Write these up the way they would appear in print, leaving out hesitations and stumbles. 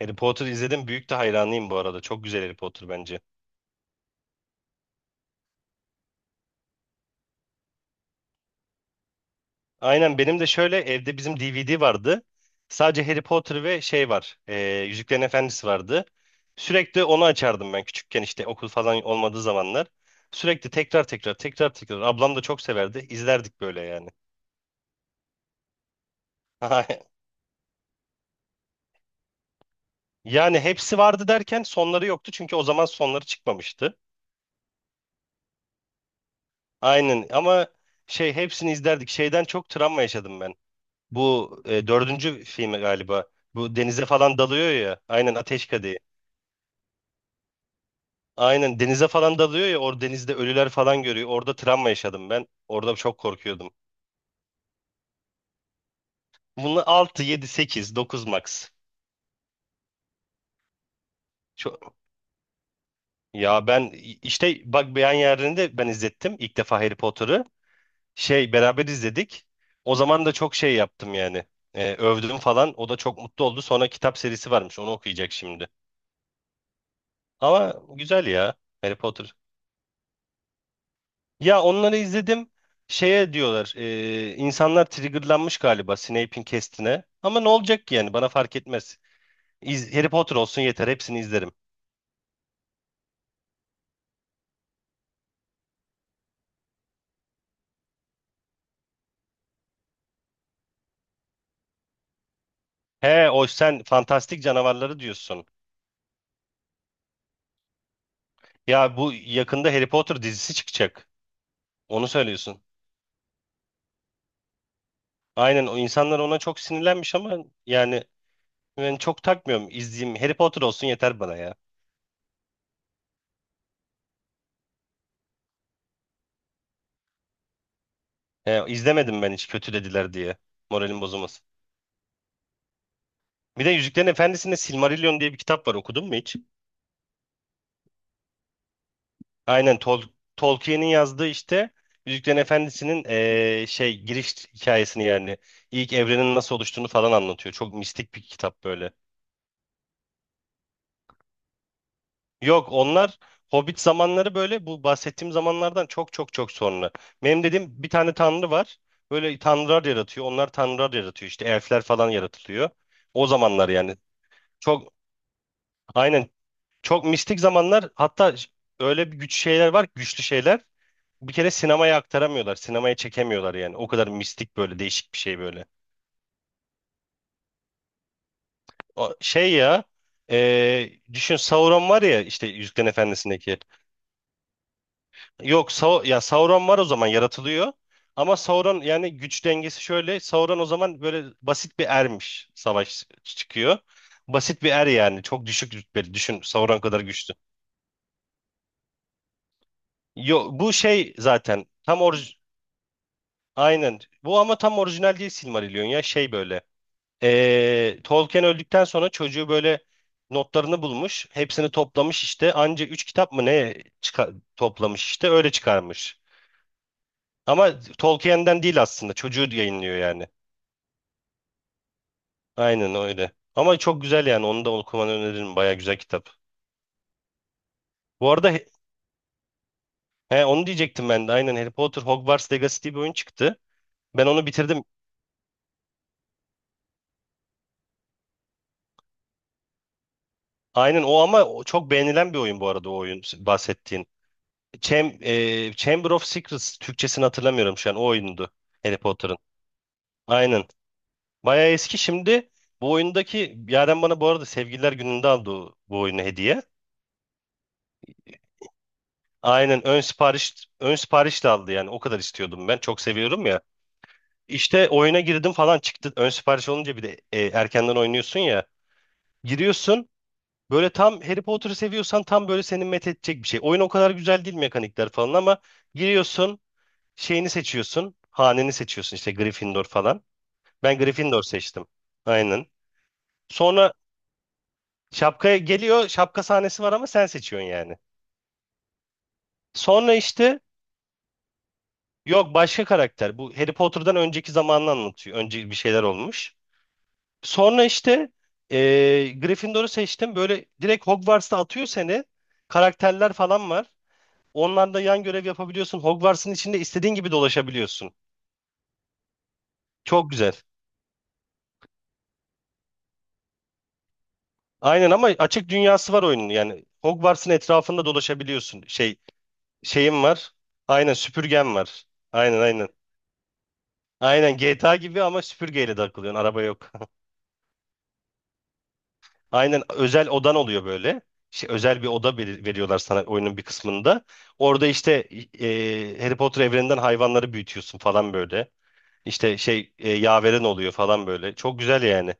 Harry Potter izledim. Büyük de hayranıyım bu arada. Çok güzel Harry Potter bence. Aynen benim de şöyle evde bizim DVD vardı. Sadece Harry Potter ve şey var. Yüzüklerin Efendisi vardı. Sürekli onu açardım ben küçükken işte okul falan olmadığı zamanlar. Sürekli tekrar tekrar tekrar tekrar. Ablam da çok severdi. İzlerdik böyle yani. Yani hepsi vardı derken sonları yoktu. Çünkü o zaman sonları çıkmamıştı. Aynen ama şey hepsini izlerdik. Şeyden çok travma yaşadım ben. Bu dördüncü filmi galiba. Bu denize falan dalıyor ya. Aynen Ateş Kadehi. Aynen denize falan dalıyor ya. Orada denizde ölüler falan görüyor. Orada travma yaşadım ben. Orada çok korkuyordum. Bunu 6, 7, 8, 9 max. Çok... Ya ben işte bak beyan yerlerinde ben izlettim ilk defa Harry Potter'ı. Şey beraber izledik. O zaman da çok şey yaptım yani. Övdüm falan. O da çok mutlu oldu. Sonra kitap serisi varmış. Onu okuyacak şimdi. Ama güzel ya. Harry Potter ya onları izledim. Şeye diyorlar. İnsanlar triggerlanmış galiba Snape'in kestine. Ama ne olacak ki yani bana fark etmez. Harry Potter olsun yeter hepsini izlerim. He o sen fantastik canavarları diyorsun. Ya bu yakında Harry Potter dizisi çıkacak. Onu söylüyorsun. Aynen o insanlar ona çok sinirlenmiş ama yani ben çok takmıyorum. İzleyeyim Harry Potter olsun yeter bana ya. He, izlemedim ben hiç kötülediler diye. Moralim bozulmasın. Bir de Yüzüklerin Efendisi'nde Silmarillion diye bir kitap var, okudun mu hiç? Aynen Tolkien'in yazdığı işte Yüzüklerin Efendisi'nin şey giriş hikayesini yani ilk evrenin nasıl oluştuğunu falan anlatıyor. Çok mistik bir kitap böyle. Yok onlar Hobbit zamanları böyle bu bahsettiğim zamanlardan çok çok çok sonra. Benim dediğim bir tane tanrı var. Böyle tanrılar yaratıyor. Onlar tanrılar yaratıyor işte elfler falan yaratılıyor. O zamanlar yani çok aynen çok mistik zamanlar hatta öyle bir güç şeyler var güçlü şeyler. Bir kere sinemaya aktaramıyorlar. Sinemaya çekemiyorlar yani. O kadar mistik böyle değişik bir şey böyle. O- şey ya Düşün Sauron var ya işte Yüzüklerin Efendisi'ndeki. Yok Sau ya Sauron var o zaman yaratılıyor. Ama Sauron yani güç dengesi şöyle. Sauron o zaman böyle basit bir ermiş. Savaş çıkıyor. Basit bir er yani. Çok düşük rütbeli. Düşün Sauron kadar güçlü. Yok bu şey zaten tam orij aynen. Bu ama tam orijinal değil Silmarillion ya şey böyle. Tolkien öldükten sonra çocuğu böyle notlarını bulmuş. Hepsini toplamış işte. Anca 3 kitap mı ne toplamış işte öyle çıkarmış. Ama Tolkien'den değil aslında. Çocuğu yayınlıyor yani. Aynen öyle. Ama çok güzel yani. Onu da okumanı öneririm. Baya güzel kitap. Bu arada he, onu diyecektim ben de. Aynen Harry Potter Hogwarts Legacy diye bir oyun çıktı. Ben onu bitirdim. Aynen o ama o çok beğenilen bir oyun bu arada o oyun bahsettiğin. Chamber of Secrets Türkçesini hatırlamıyorum şu an o oyundu Harry Potter'ın. Aynen. Bayağı eski şimdi. Bu oyundaki Yaren bana bu arada Sevgililer Günü'nde aldı bu oyunu hediye. Aynen ön sipariş de aldı yani o kadar istiyordum ben. Çok seviyorum ya. İşte oyuna girdim falan çıktı. Ön sipariş olunca bir de erkenden oynuyorsun ya. Giriyorsun. Böyle tam Harry Potter'ı seviyorsan tam böyle seni met edecek bir şey. Oyun o kadar güzel değil mekanikler falan ama giriyorsun, şeyini seçiyorsun, haneni seçiyorsun işte Gryffindor falan. Ben Gryffindor seçtim. Aynen. Sonra şapkaya geliyor. Şapka sahnesi var ama sen seçiyorsun yani. Sonra işte yok başka karakter. Bu Harry Potter'dan önceki zamanını anlatıyor. Önce bir şeyler olmuş. Sonra işte Gryffindor'u seçtim. Böyle direkt Hogwarts'ta atıyor seni. Karakterler falan var. Onlarla yan görev yapabiliyorsun. Hogwarts'ın içinde istediğin gibi dolaşabiliyorsun. Çok güzel. Aynen ama açık dünyası var oyunun. Yani Hogwarts'ın etrafında dolaşabiliyorsun. Şey şeyim var. Aynen süpürgem var. Aynen aynen. Aynen GTA gibi ama süpürgeyle takılıyorsun. Araba yok. Aynen özel odan oluyor böyle. Şey, özel bir oda veriyorlar sana oyunun bir kısmında. Orada işte Harry Potter evreninden hayvanları büyütüyorsun falan böyle. İşte şey yaveren oluyor falan böyle. Çok güzel yani.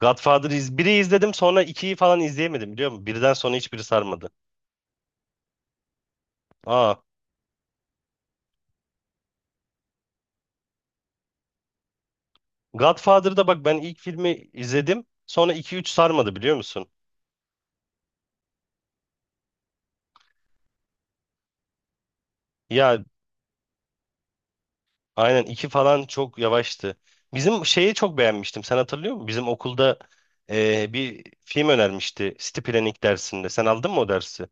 Godfather biri izledim sonra ikiyi falan izleyemedim biliyor musun? Birden sonra hiçbiri sarmadı. Aa, Godfather'da bak ben ilk filmi izledim. Sonra iki üç sarmadı biliyor musun? Ya aynen iki falan çok yavaştı. Bizim şeyi çok beğenmiştim. Sen hatırlıyor musun? Bizim okulda bir film önermişti. City Planning dersinde. Sen aldın mı o dersi?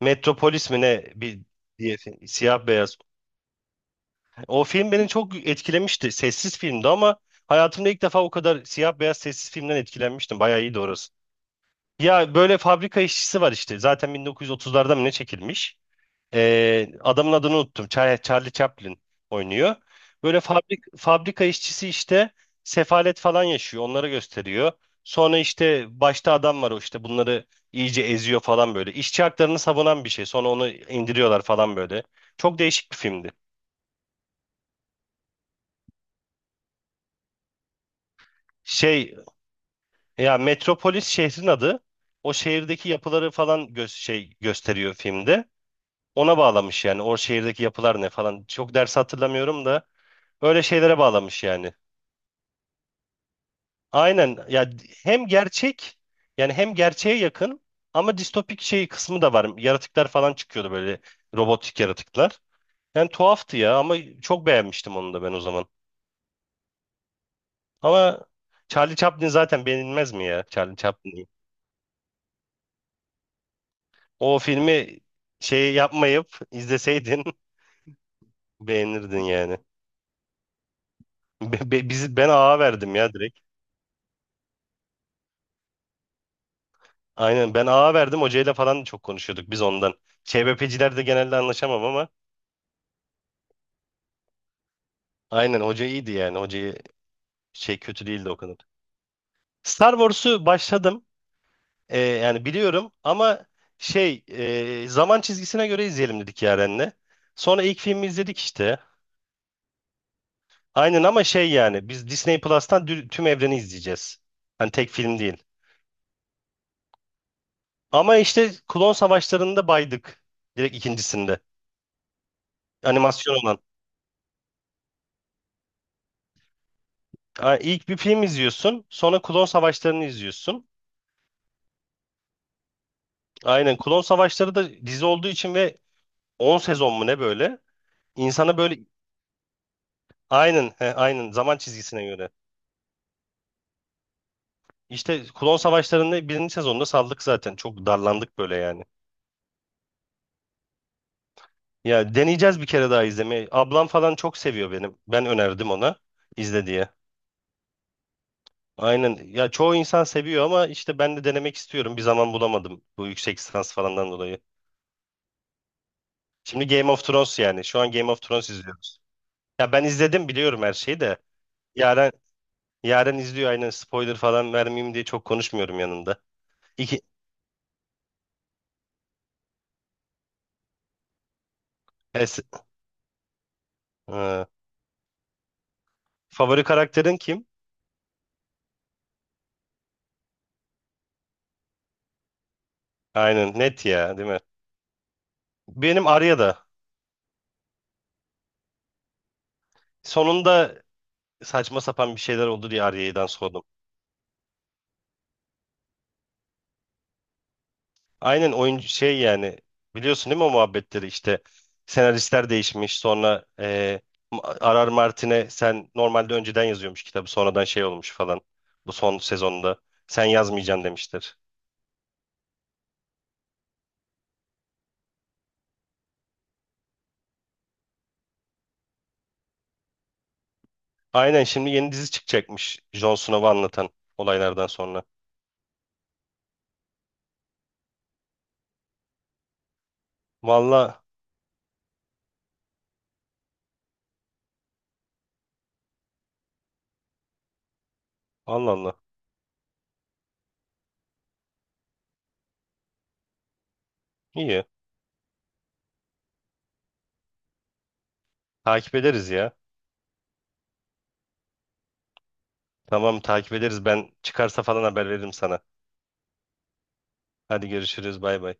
Metropolis mi ne? Bir diye film. Siyah beyaz. O film beni çok etkilemişti. Sessiz filmdi ama hayatımda ilk defa o kadar siyah beyaz sessiz filmden etkilenmiştim. Bayağı iyiydi orası. Ya böyle fabrika işçisi var işte. Zaten 1930'larda mı ne çekilmiş? Adamın adını unuttum. Charlie Chaplin oynuyor. Böyle fabrika işçisi işte sefalet falan yaşıyor. Onları gösteriyor. Sonra işte başta adam var o işte bunları iyice eziyor falan böyle. İşçi haklarını savunan bir şey. Sonra onu indiriyorlar falan böyle. Çok değişik bir filmdi. Şey ya, Metropolis şehrin adı. O şehirdeki yapıları falan gösteriyor filmde. Ona bağlamış yani. O şehirdeki yapılar ne falan. Çok ders hatırlamıyorum da öyle şeylere bağlamış yani. Aynen ya hem gerçek yani hem gerçeğe yakın ama distopik şey kısmı da var. Yaratıklar falan çıkıyordu böyle robotik yaratıklar. Yani tuhaftı ya ama çok beğenmiştim onu da ben o zaman. Ama Charlie Chaplin zaten beğenilmez mi ya Charlie Chaplin? O filmi şey yapmayıp izleseydin beğenirdin yani. Ben ağa verdim ya direkt. Aynen ben ağa verdim hocayla falan da çok konuşuyorduk biz ondan. ÇBP'ciler de genelde anlaşamam ama aynen hoca iyiydi yani hocayı şey kötü değildi o kadar. Star Wars'u başladım. Yani biliyorum ama şey zaman çizgisine göre izleyelim dedik Yaren'le. Sonra ilk filmi izledik işte. Aynen ama şey yani biz Disney Plus'tan tüm evreni izleyeceğiz. Hani tek film değil. Ama işte Klon Savaşları'nda baydık. Direkt ikincisinde. Animasyon olan. Ha, İlk bir film izliyorsun. Sonra Klon Savaşları'nı izliyorsun. Aynen Klon Savaşları da dizi olduğu için ve 10 sezon mu ne böyle? İnsana böyle aynen, he, aynen zaman çizgisine göre. İşte Klon Savaşları'nın birinci sezonunda saldık zaten. Çok darlandık böyle yani. Ya deneyeceğiz bir kere daha izlemeyi. Ablam falan çok seviyor benim. Ben önerdim ona izle diye. Aynen. Ya çoğu insan seviyor ama işte ben de denemek istiyorum. Bir zaman bulamadım bu yüksek lisans falandan dolayı. Şimdi Game of Thrones yani. Şu an Game of Thrones izliyoruz. Ya ben izledim biliyorum her şeyi de. Yaren, Yaren izliyor aynen spoiler falan vermeyeyim diye çok konuşmuyorum yanında. İki, es, Ee, favori karakterin kim? Aynen net ya değil mi? Benim Arya da sonunda saçma sapan bir şeyler oldu diye Arya'dan sordum. Aynen oyuncu şey yani biliyorsun değil mi o muhabbetleri işte senaristler değişmiş sonra Arar Martin'e sen normalde önceden yazıyormuş kitabı sonradan şey olmuş falan bu son sezonda sen yazmayacaksın demiştir. Aynen şimdi yeni dizi çıkacakmış Jon Snow'u anlatan olaylardan sonra. Valla Allah Allah, iyi takip ederiz ya. Tamam takip ederiz. Ben çıkarsa falan haber veririm sana. Hadi görüşürüz. Bay bay.